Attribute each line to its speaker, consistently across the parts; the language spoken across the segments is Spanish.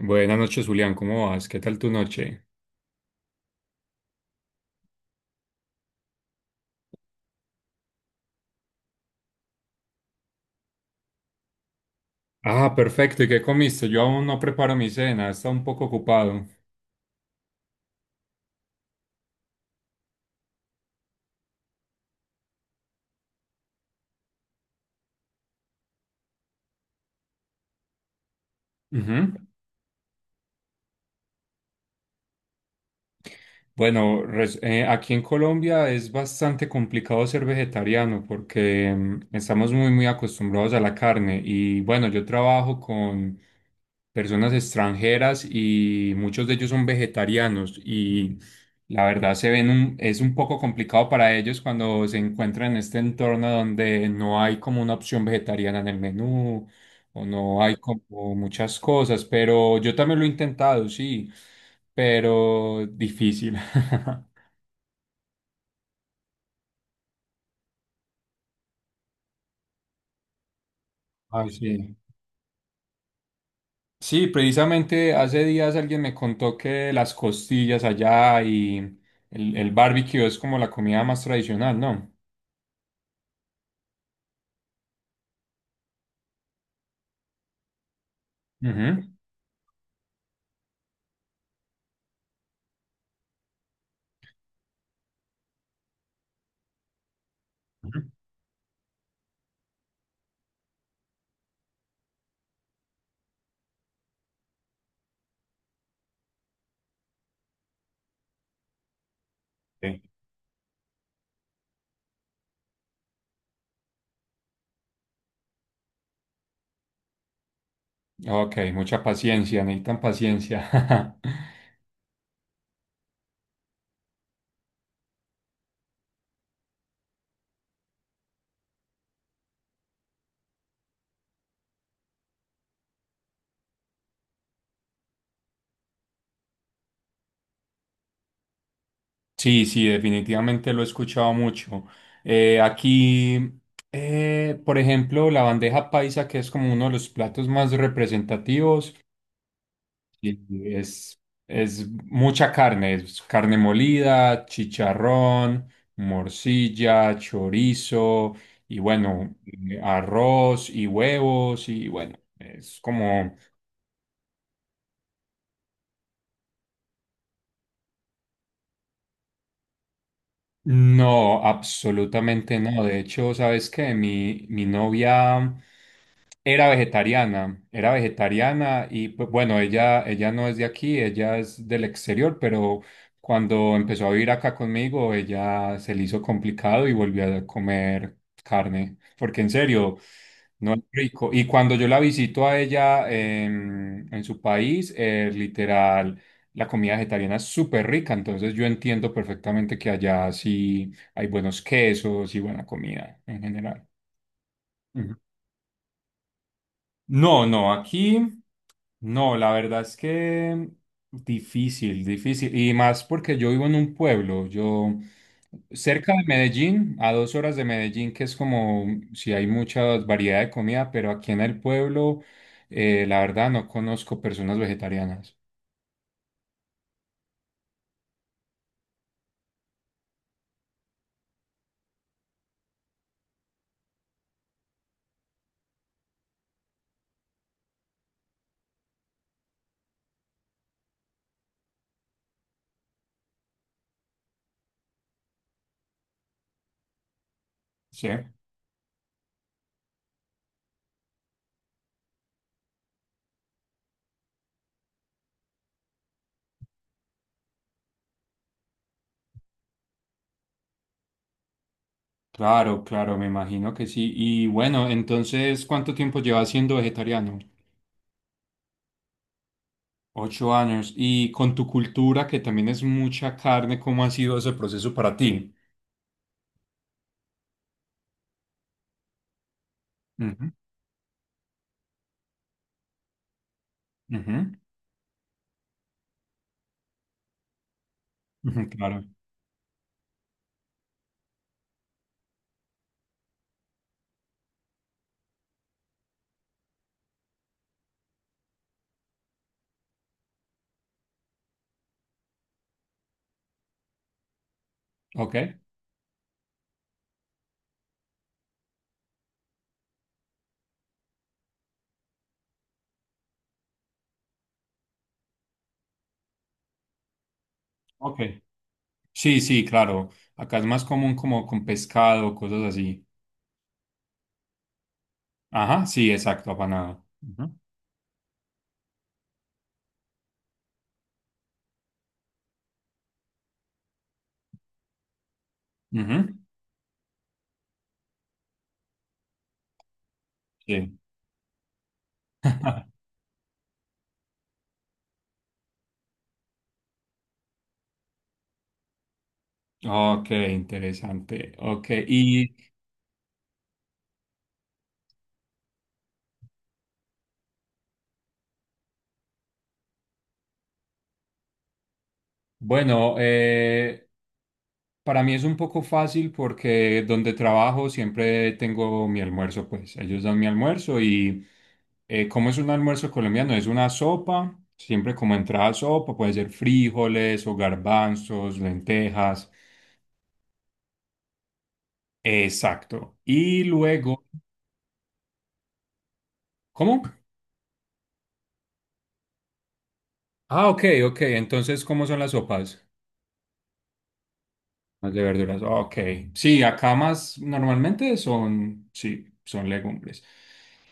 Speaker 1: Buenas noches, Julián, ¿cómo vas? ¿Qué tal tu noche? Ah, perfecto. ¿Y qué comiste? Yo aún no preparo mi cena, está un poco ocupado. Ujú. Bueno, aquí en Colombia es bastante complicado ser vegetariano porque estamos muy, muy acostumbrados a la carne. Y bueno, yo trabajo con personas extranjeras y muchos de ellos son vegetarianos y la verdad se ven es un poco complicado para ellos cuando se encuentran en este entorno donde no hay como una opción vegetariana en el menú o no hay como muchas cosas, pero yo también lo he intentado, sí, pero difícil. Ah, sí. Sí, precisamente hace días alguien me contó que las costillas allá y el barbecue es como la comida más tradicional, ¿no? Ujú. Ujú. Sí. Ok, mucha paciencia, necesitan paciencia. Sí, sí, definitivamente lo he escuchado mucho. Aquí, por ejemplo, la bandeja paisa, que es como uno de los platos más representativos, y es, es mucha carne, es carne molida, chicharrón, morcilla, chorizo, y bueno, arroz y huevos, y bueno, es como... No, absolutamente no. De hecho, ¿sabes qué? Mi novia, era vegetariana y pues, bueno, ella no es de aquí, ella es del exterior, pero cuando empezó a vivir acá conmigo, ella se le hizo complicado y volvió a comer carne, porque en serio, no es rico. Y cuando yo la visito a ella en su país, literal, la comida vegetariana es súper rica, entonces yo entiendo perfectamente que allá sí hay buenos quesos y buena comida en general. No, no, aquí no, la verdad es que difícil, difícil. Y más porque yo vivo en un pueblo, yo cerca de Medellín, a 2 horas de Medellín, que es como si hay mucha variedad de comida, pero aquí en el pueblo, la verdad no conozco personas vegetarianas. Sí. Claro, claro, me imagino que sí. Y bueno, entonces, ¿cuánto tiempo llevas siendo vegetariano? 8 años. Y con tu cultura, que también es mucha carne, ¿cómo ha sido ese proceso para ti? Ujú, ujú, ujú, claro. Ok, ok. Sí, sí, claro. Acá es más común como con pescado, cosas así. Ajá, sí, exacto, apanado. Ujú, ujú, sí. Ok, interesante. Ok, y bueno, para mí es un poco fácil porque donde trabajo siempre tengo mi almuerzo, pues ellos dan mi almuerzo y como es un almuerzo colombiano, es una sopa, siempre como entrada sopa, puede ser frijoles o garbanzos, lentejas, exacto. Y luego, ¿cómo? Ah, ok, ok, entonces, ¿cómo son las sopas? Más de verduras. Ok. Sí, acá más normalmente son, sí, son legumbres.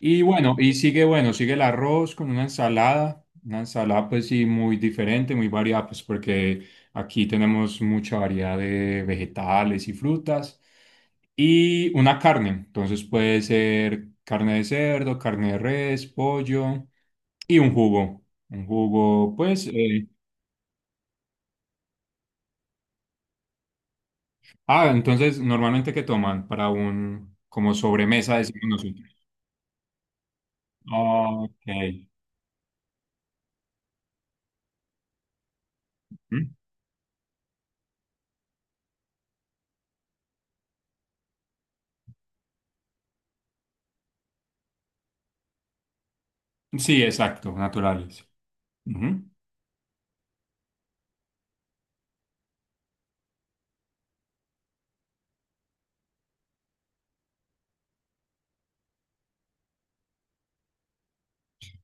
Speaker 1: Y bueno, y sigue, bueno, sigue el arroz con una ensalada. Una ensalada, pues sí, muy diferente, muy variada, pues porque aquí tenemos mucha variedad de vegetales y frutas. Y una carne. Entonces puede ser carne de cerdo, carne de res, pollo y un jugo. Un jugo, pues. Ah, entonces, ¿normalmente qué toman para un, como sobremesa, decimos nosotros? Ok. ¿Mm? Sí, exacto, naturales. Ujú.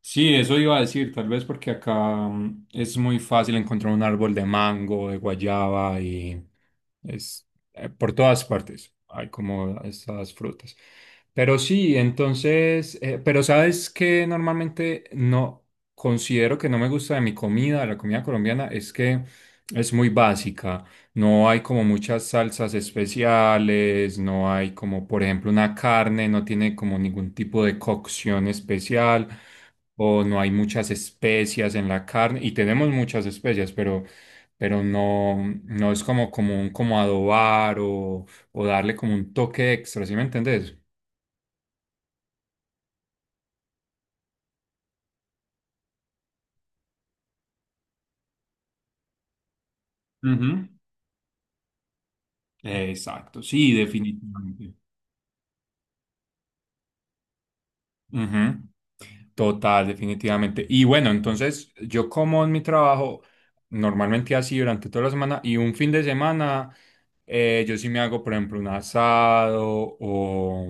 Speaker 1: Sí, eso iba a decir, tal vez porque acá es muy fácil encontrar un árbol de mango, de guayaba y es por todas partes hay como estas frutas. Pero sí, entonces, pero sabes que normalmente no considero que no me gusta de mi comida, de la comida colombiana, es que es muy básica. No hay como muchas salsas especiales, no hay como, por ejemplo, una carne, no tiene como ningún tipo de cocción especial o no hay muchas especias en la carne, y tenemos muchas especias pero no es como común como adobar o darle como un toque extra, ¿sí me entendés? Ujú. Exacto, sí, definitivamente. Ujú. Total, definitivamente. Y bueno, entonces yo como en mi trabajo normalmente así durante toda la semana y un fin de semana yo sí me hago, por ejemplo, un asado o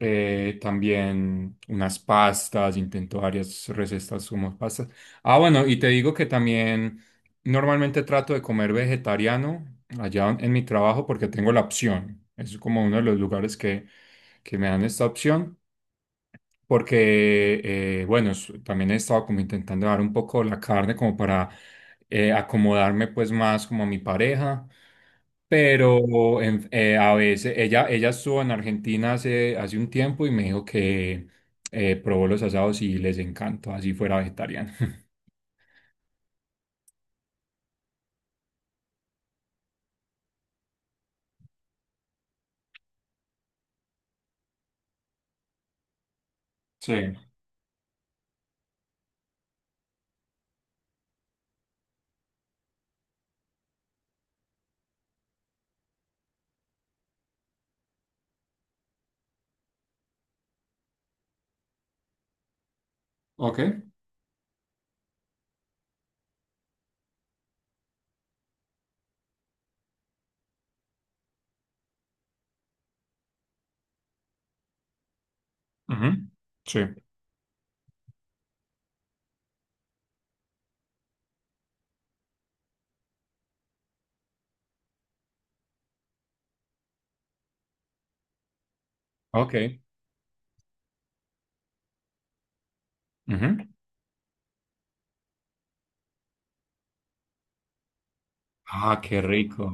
Speaker 1: también unas pastas, intento varias recetas como pastas. Ah, bueno, y te digo que también normalmente trato de comer vegetariano allá en mi trabajo porque tengo la opción. Es como uno de los lugares que me dan esta opción porque, también he estado como intentando dar un poco la carne como para acomodarme pues más como a mi pareja, pero a veces ella estuvo en Argentina hace un tiempo y me dijo que probó los asados y les encantó, así fuera vegetariana. Sí. Ok. Ujú, sí, ok. Ujú. Ah, qué rico.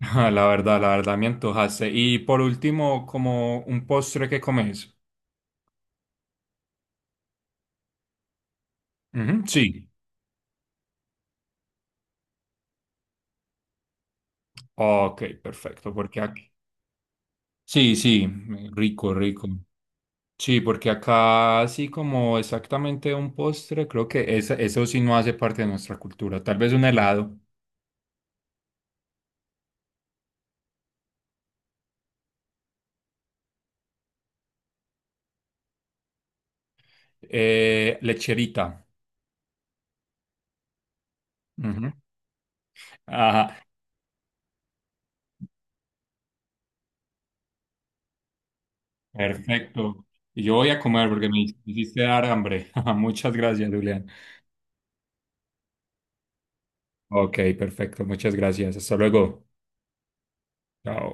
Speaker 1: La verdad me antojaste. Y por último, como un postre que comes. Ujú, sí, ok, perfecto, porque aquí... Sí, sí, rico, rico. Sí, porque acá así como exactamente un postre, creo que eso sí no hace parte de nuestra cultura. Tal vez un helado. Lecherita. Ujú. Ajá, perfecto. Y yo voy a comer porque me hiciste dar hambre. Muchas gracias, Julián. Ok, perfecto, muchas gracias. Hasta luego. Chao.